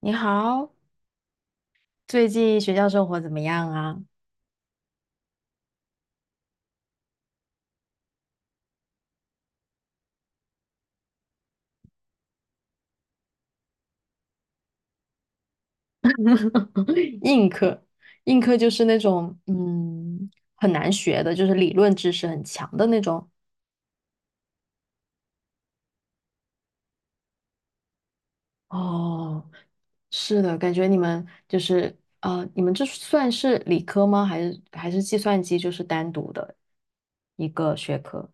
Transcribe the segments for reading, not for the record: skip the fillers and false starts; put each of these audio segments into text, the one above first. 你好，最近学校生活怎么样啊？硬课，硬课就是那种很难学的，就是理论知识很强的那种。哦，是的，感觉你们就是啊，你们这算是理科吗？还是计算机就是单独的一个学科？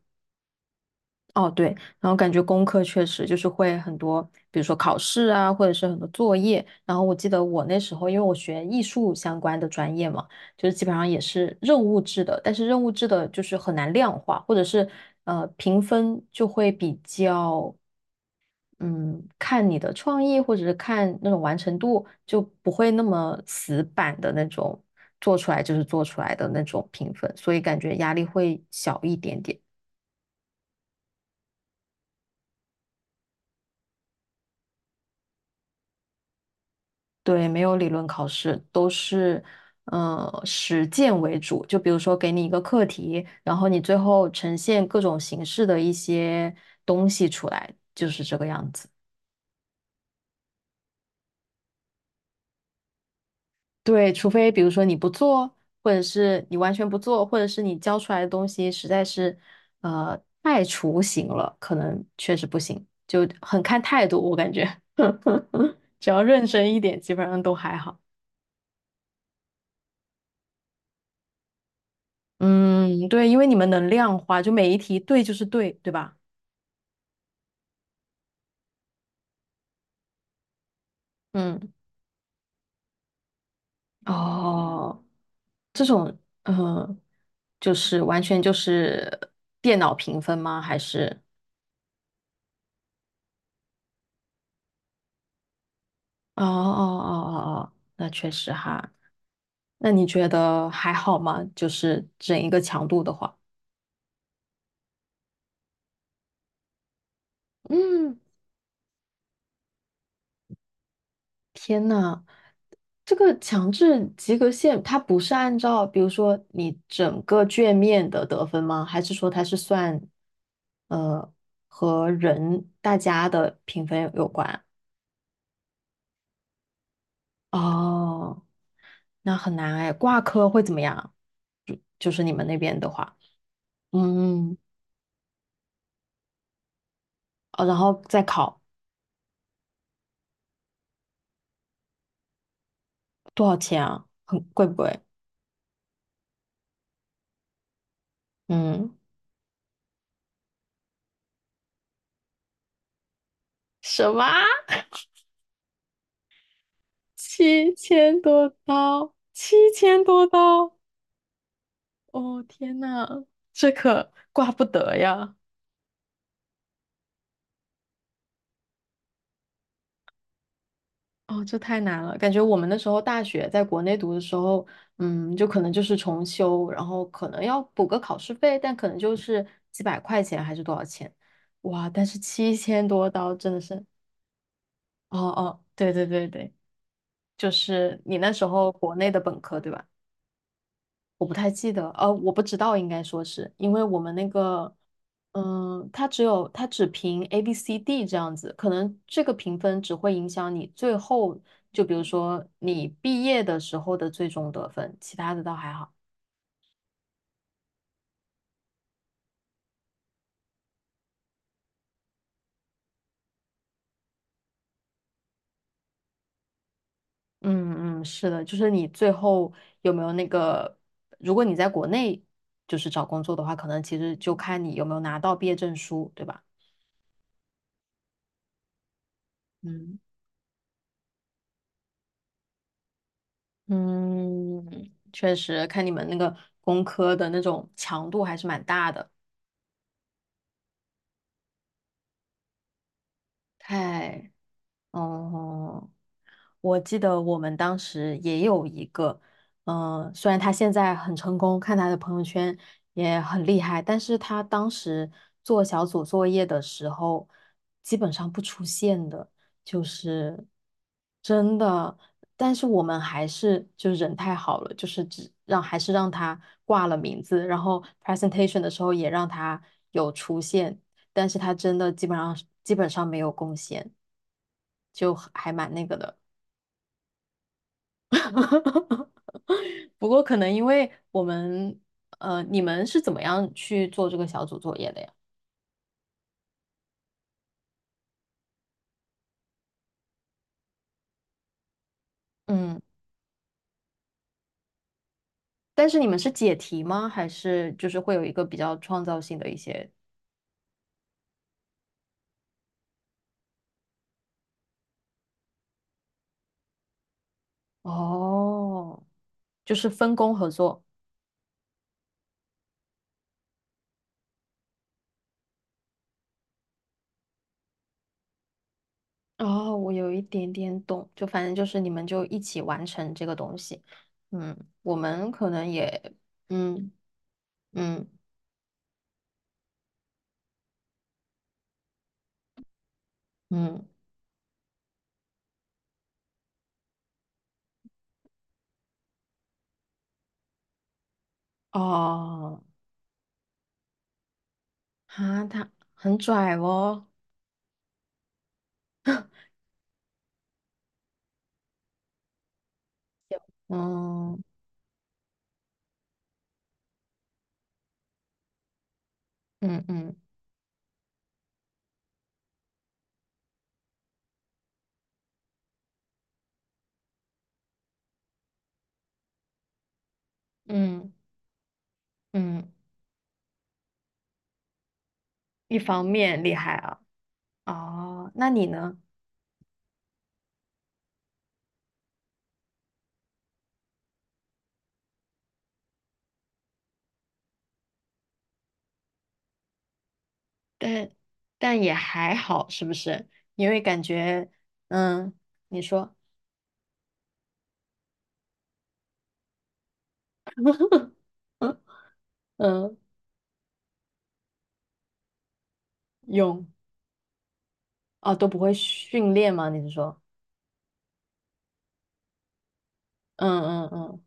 哦，对，然后感觉功课确实就是会很多，比如说考试啊，或者是很多作业。然后我记得我那时候，因为我学艺术相关的专业嘛，就是基本上也是任务制的，但是任务制的就是很难量化，或者是评分就会比较嗯看你的创意或者是看那种完成度，就不会那么死板的那种做出来就是做出来的那种评分，所以感觉压力会小一点点。对，没有理论考试，都是实践为主。就比如说给你一个课题，然后你最后呈现各种形式的一些东西出来，就是这个样子。对，除非比如说你不做，或者是你完全不做，或者是你教出来的东西实在是太雏形了，可能确实不行，就很看态度。我感觉 只要认真一点，基本上都还好。嗯，对，因为你们能量化，就每一题对就是对，对吧？嗯。哦，这种，嗯，就是完全就是电脑评分吗？还是？哦哦哦哦哦，那确实哈。那你觉得还好吗？就是整一个强度的话，嗯，天呐，这个强制及格线它不是按照比如说你整个卷面的得分吗？还是说它是算呃和人大家的评分有关？哦。那很难哎，挂科会怎么样？就是你们那边的话，嗯，哦，然后再考多少钱啊？很贵不贵？嗯，什么？七千多刀？七千多刀？哦，天呐，这可挂不得呀！哦，这太难了，感觉我们那时候大学在国内读的时候，嗯，就可能就是重修，然后可能要补个考试费，但可能就是几百块钱还是多少钱，哇！但是七千多刀真的是哦哦，对对对对，就是你那时候国内的本科对吧？我不太记得，我不知道，应该说是因为我们那个，它只评 A、B、C、D 这样子，可能这个评分只会影响你最后，就比如说你毕业的时候的最终得分，其他的倒还好。嗯嗯，是的，就是你最后有没有那个，如果你在国内就是找工作的话，可能其实就看你有没有拿到毕业证书，对吧？嗯，嗯，确实，看你们那个工科的那种强度还是蛮大的。太，哦、我记得我们当时也有一个，虽然他现在很成功，看他的朋友圈也很厉害，但是他当时做小组作业的时候，基本上不出现的，就是真的。但是我们还是就人太好了，就是还是让他挂了名字，然后 presentation 的时候也让他有出现，但是他真的基本上没有贡献，就还蛮那个的。哈哈，不过可能因为我们，你们是怎么样去做这个小组作业的呀？嗯，但是你们是解题吗？还是就是会有一个比较创造性的一些？哦，就是分工合作。哦，我有一点点懂，就反正就是你们就一起完成这个东西。嗯，我们可能也，嗯嗯嗯，哦，哈，他很拽哦。嗯嗯嗯。嗯嗯，一方面厉害啊，哦，那你呢？但但也还好，是不是？因为感觉，嗯，你说，嗯嗯，泳哦都不会训练吗？你是说，嗯嗯嗯，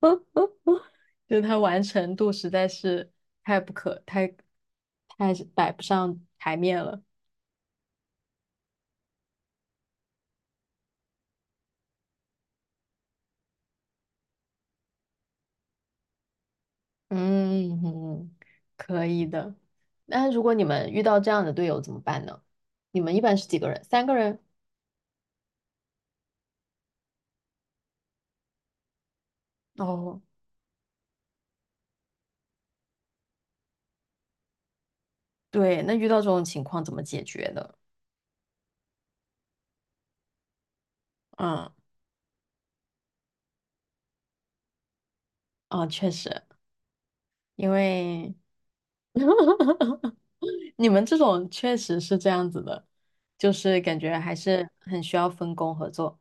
嗯 就他完成度实在是太不可太太是摆不上台面了。嗯嗯，可以的。那如果你们遇到这样的队友怎么办呢？你们一般是几个人？3个人？哦对，那遇到这种情况怎么解决的？嗯，啊，确实，因为 你们这种确实是这样子的，就是感觉还是很需要分工合作。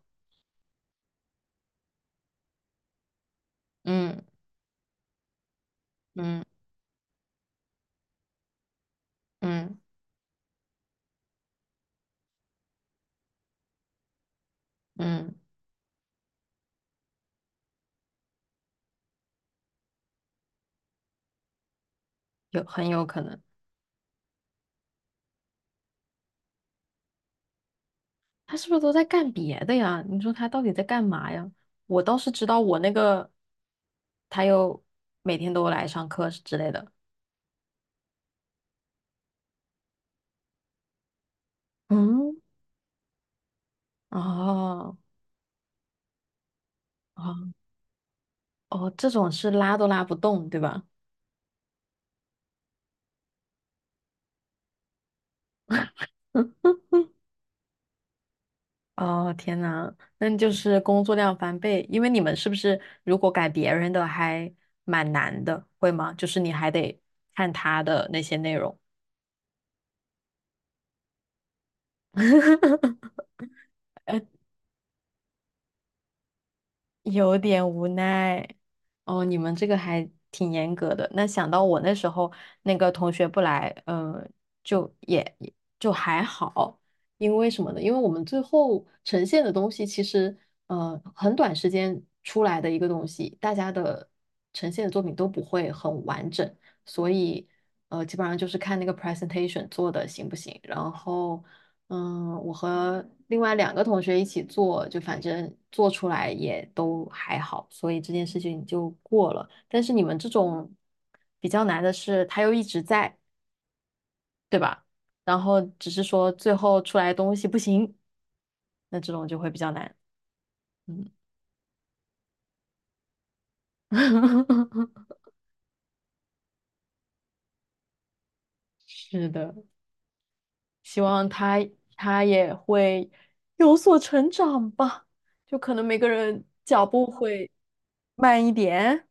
嗯嗯嗯嗯，很有可能，他是不是都在干别的呀？你说他到底在干嘛呀？我倒是知道我那个，他又每天都来上课之类的。嗯，哦哦哦，这种是拉都拉不动，对吧？哦，天呐，那就是工作量翻倍，因为你们是不是如果改别人的还蛮难的，会吗？就是你还得看他的那些内容。有点无奈。哦，你们这个还挺严格的。那想到我那时候那个同学不来，就也就还好，因为什么呢？因为我们最后呈现的东西其实，很短时间出来的一个东西，大家的呈现的作品都不会很完整，所以，基本上就是看那个 presentation 做的行不行，然后我和另外2个同学一起做，就反正做出来也都还好，所以这件事情就过了。但是你们这种比较难的是，它又一直在，对吧？然后只是说最后出来的东西不行，那这种就会比较难。嗯，是的，希望他也会有所成长吧，就可能每个人脚步会慢一点。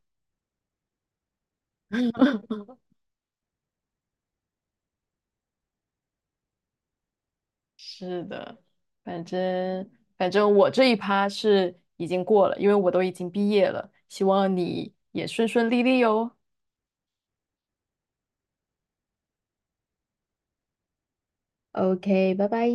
是的，反正反正我这一趴是已经过了，因为我都已经毕业了，希望你也顺顺利利哟。OK，拜拜。